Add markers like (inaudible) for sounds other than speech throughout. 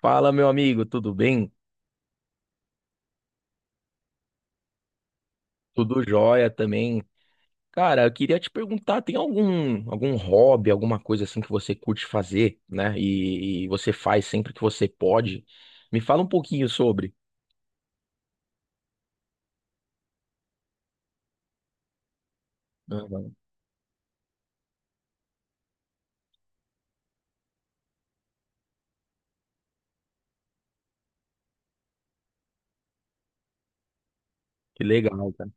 Fala, meu amigo, tudo bem? Tudo jóia também. Cara, eu queria te perguntar, tem algum hobby, alguma coisa assim que você curte fazer, né? E você faz sempre que você pode. Me fala um pouquinho sobre. Aham. Que legal, cara.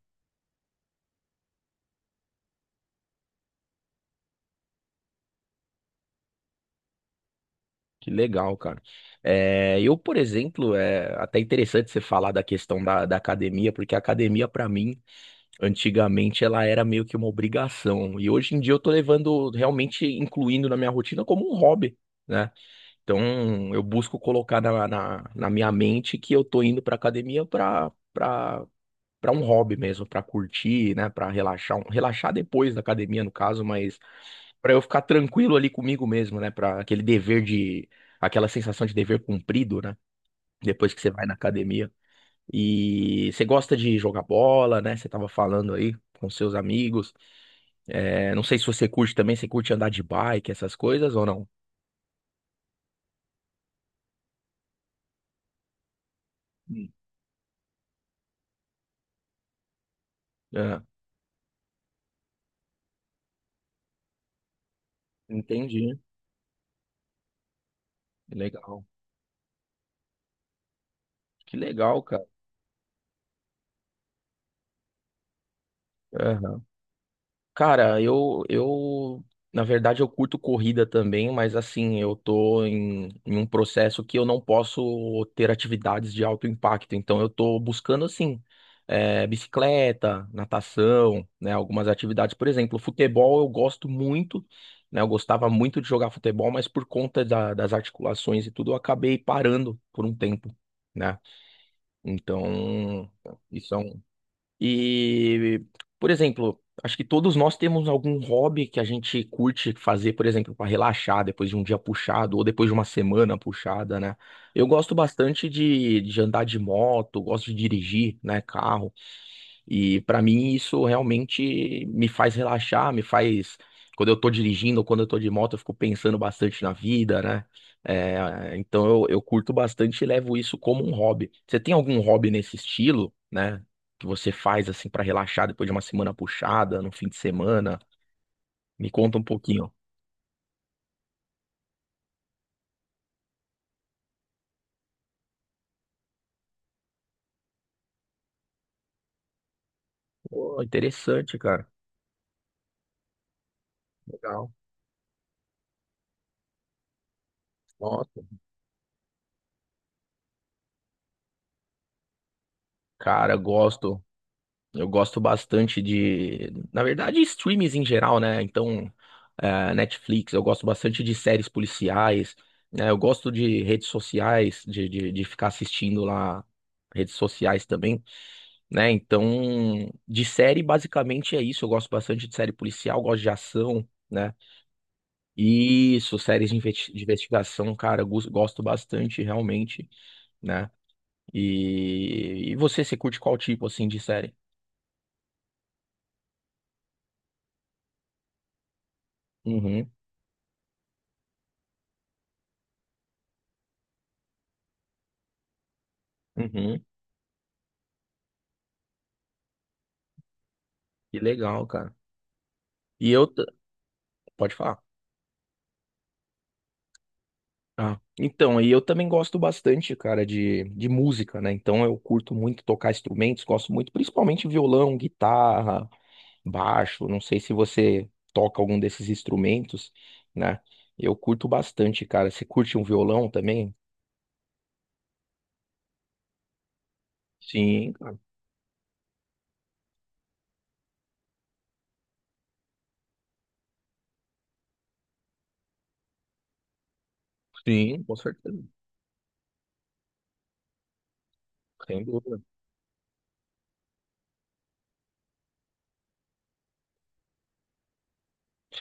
Que legal, cara. É, eu, por exemplo, é até interessante você falar da questão da academia, porque a academia, pra mim, antigamente ela era meio que uma obrigação. E hoje em dia eu tô levando, realmente incluindo na minha rotina como um hobby, né? Então, eu busco colocar na minha mente que eu tô indo pra academia pra um hobby mesmo, pra curtir, né? Pra relaxar. Relaxar depois da academia, no caso, mas pra eu ficar tranquilo ali comigo mesmo, né? Pra aquele dever de. Aquela sensação de dever cumprido, né? Depois que você vai na academia. E você gosta de jogar bola, né? Você tava falando aí com seus amigos. É, não sei se você curte também, você curte andar de bike, essas coisas ou não? Hum. Ah, entendi. Legal. Que legal, cara. Aham. Cara, na verdade, eu curto corrida também, mas assim, eu tô em um processo que eu não posso ter atividades de alto impacto. Então, eu tô buscando, assim, bicicleta, natação, né, algumas atividades. Por exemplo, futebol eu gosto muito, né, eu gostava muito de jogar futebol, mas por conta das articulações e tudo, eu acabei parando por um tempo, né? Então, isso é um. E, por exemplo, acho que todos nós temos algum hobby que a gente curte fazer, por exemplo, para relaxar depois de um dia puxado ou depois de uma semana puxada, né? Eu gosto bastante de andar de moto, gosto de dirigir, né, carro. E para mim isso realmente me faz relaxar, me faz. Quando eu tô dirigindo ou quando eu tô de moto, eu fico pensando bastante na vida, né? É, então eu curto bastante e levo isso como um hobby. Você tem algum hobby nesse estilo, né? Que você faz assim para relaxar depois de uma semana puxada, no fim de semana? Me conta um pouquinho. Pô, interessante, cara. Legal. Nossa. Cara, gosto. Eu gosto bastante de, na verdade, streams em geral, né? Então, Netflix, eu gosto bastante de séries policiais, né? Eu gosto de redes sociais, de ficar assistindo lá redes sociais também, né? Então, de série, basicamente é isso. Eu gosto bastante de série policial, gosto de ação, né? Isso, séries de de investigação, cara, eu gosto bastante, realmente, né? E, você, você curte qual tipo, assim, de série? Uhum, uhum. Que legal, cara. E eu. Pode falar. Ah, então, e eu também gosto bastante, cara, de música, né? Então eu curto muito tocar instrumentos, gosto muito, principalmente violão, guitarra, baixo. Não sei se você toca algum desses instrumentos, né? Eu curto bastante, cara. Você curte um violão também? Sim, cara. Sim, com certeza. Sem dúvida.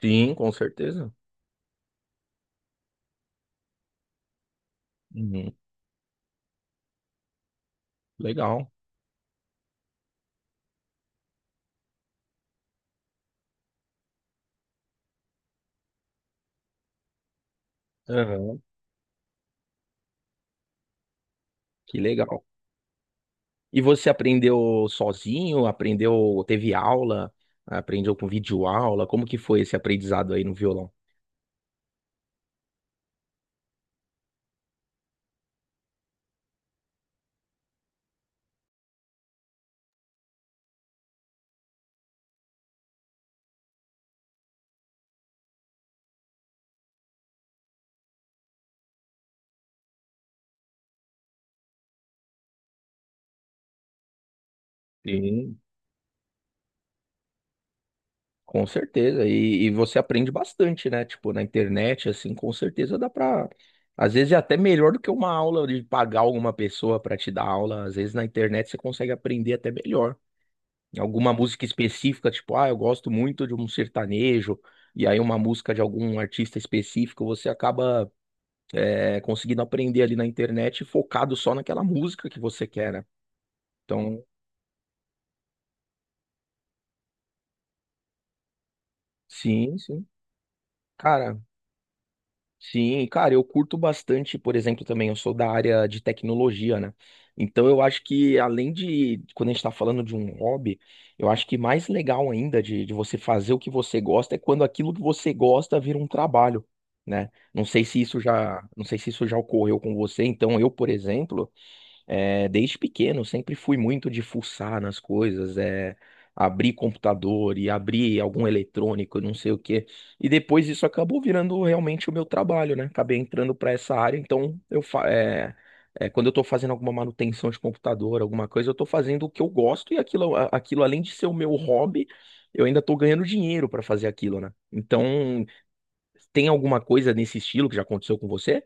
Sim, com certeza. Uhum. Legal. Aham. Que legal. E você aprendeu sozinho? Aprendeu, teve aula? Aprendeu com videoaula? Como que foi esse aprendizado aí no violão? Sim. Com certeza. E, você aprende bastante, né? Tipo, na internet, assim, com certeza dá pra. Às vezes é até melhor do que uma aula de pagar alguma pessoa pra te dar aula. Às vezes na internet você consegue aprender até melhor. Alguma música específica, tipo, ah, eu gosto muito de um sertanejo, e aí uma música de algum artista específico, você acaba. É, conseguindo aprender ali na internet, focado só naquela música que você quer, né? Então, sim, sim. Cara, sim, cara, eu curto bastante, por exemplo, também, eu sou da área de tecnologia, né? Então, eu acho que, além de, quando a gente tá falando de um hobby, eu acho que mais legal ainda de você fazer o que você gosta é quando aquilo que você gosta vira um trabalho. Né? Não sei se isso já, não sei se isso já ocorreu com você. Então, eu, por exemplo, é, desde pequeno, sempre fui muito de fuçar nas coisas, abrir computador e abrir algum eletrônico, não sei o quê. E depois isso acabou virando realmente o meu trabalho, né? Acabei entrando para essa área, então eu quando eu estou fazendo alguma manutenção de computador, alguma coisa, eu estou fazendo o que eu gosto e aquilo, aquilo além de ser o meu hobby, eu ainda estou ganhando dinheiro para fazer aquilo, né? Então, tem alguma coisa nesse estilo que já aconteceu com você?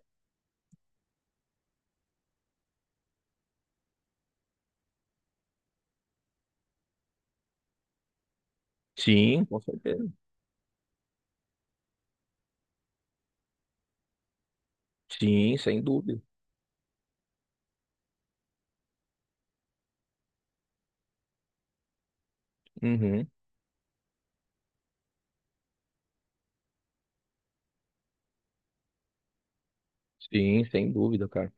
Sim, com certeza. Sim, sem dúvida. Uhum. Sim, sem dúvida, cara.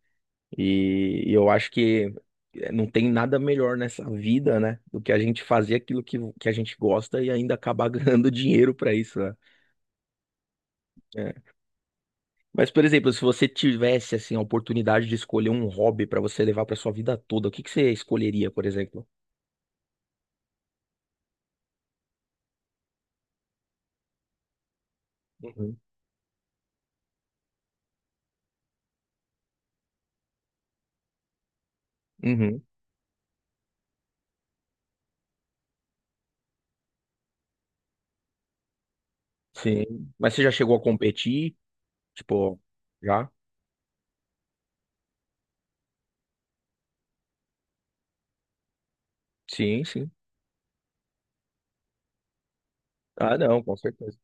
E, eu acho que não tem nada melhor nessa vida, né, do que a gente fazer aquilo que a gente gosta e ainda acabar (laughs) ganhando dinheiro pra isso, né? É. Mas, por exemplo, se você tivesse, assim, a oportunidade de escolher um hobby pra você levar pra sua vida toda, o que que você escolheria, por exemplo? Uhum. Uhum. Sim. Mas você já chegou a competir? Tipo, já? Sim, sim. Ah, não, com certeza.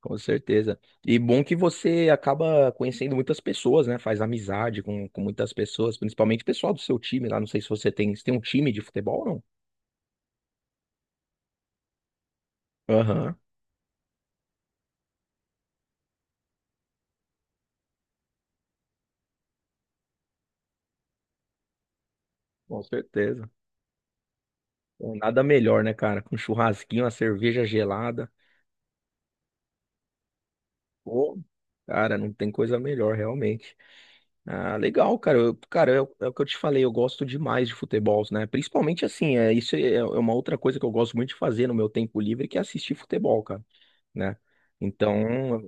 Com certeza. E bom que você acaba conhecendo muitas pessoas, né? Faz amizade com muitas pessoas, principalmente pessoal do seu time lá. Não sei se você tem, se tem um time de futebol ou não? Aham, com certeza. Então, nada melhor, né, cara? Com um churrasquinho, uma cerveja gelada. Pô, cara, não tem coisa melhor, realmente. Ah, legal, cara. Cara, é, o é o que eu te falei, eu gosto demais de futebol, né? Principalmente assim, é, é uma outra coisa que eu gosto muito de fazer no meu tempo livre, que é assistir futebol, cara, né? Então,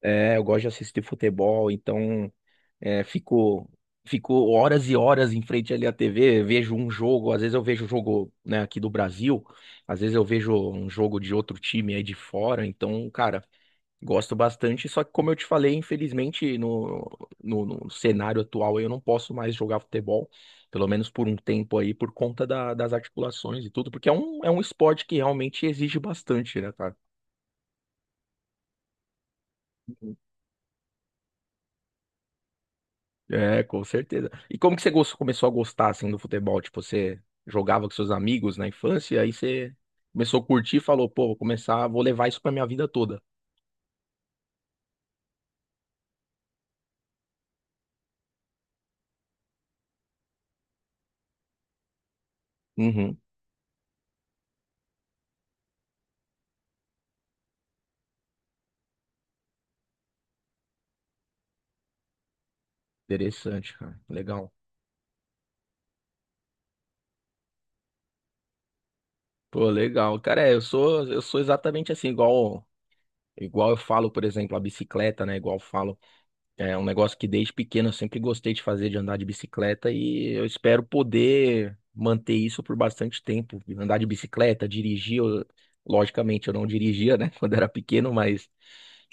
é, eu gosto de assistir futebol, então é, fico horas e horas em frente ali à TV, vejo um jogo, às vezes eu vejo o jogo, né, aqui do Brasil, às vezes eu vejo um jogo de outro time aí de fora, então, cara, gosto bastante, só que como eu te falei, infelizmente no cenário atual eu não posso mais jogar futebol, pelo menos por um tempo aí, por conta das articulações e tudo, porque é é um esporte que realmente exige bastante, né, cara? É, com certeza. E como que você começou a gostar assim do futebol? Tipo, você jogava com seus amigos na infância, e aí você começou a curtir e falou, pô, vou começar, vou levar isso pra minha vida toda. Uhum. Interessante, cara. Legal. Pô, legal. Cara, é, eu sou exatamente assim, igual eu falo, por exemplo, a bicicleta, né? Igual eu falo. É um negócio que desde pequeno eu sempre gostei de fazer, de andar de bicicleta, e eu espero poder manter isso por bastante tempo. Andar de bicicleta, dirigir, logicamente eu não dirigia, né, (laughs) quando era pequeno, mas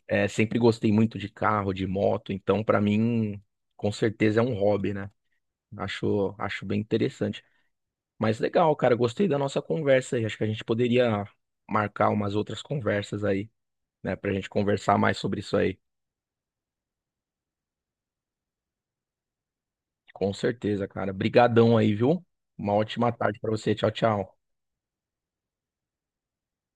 é, sempre gostei muito de carro, de moto, então pra mim, com certeza é um hobby, né? Acho bem interessante. Mas legal, cara, gostei da nossa conversa aí. Acho que a gente poderia marcar umas outras conversas aí, né, pra gente conversar mais sobre isso aí. Com certeza, cara. Brigadão aí, viu? Uma ótima tarde pra você. Tchau, tchau.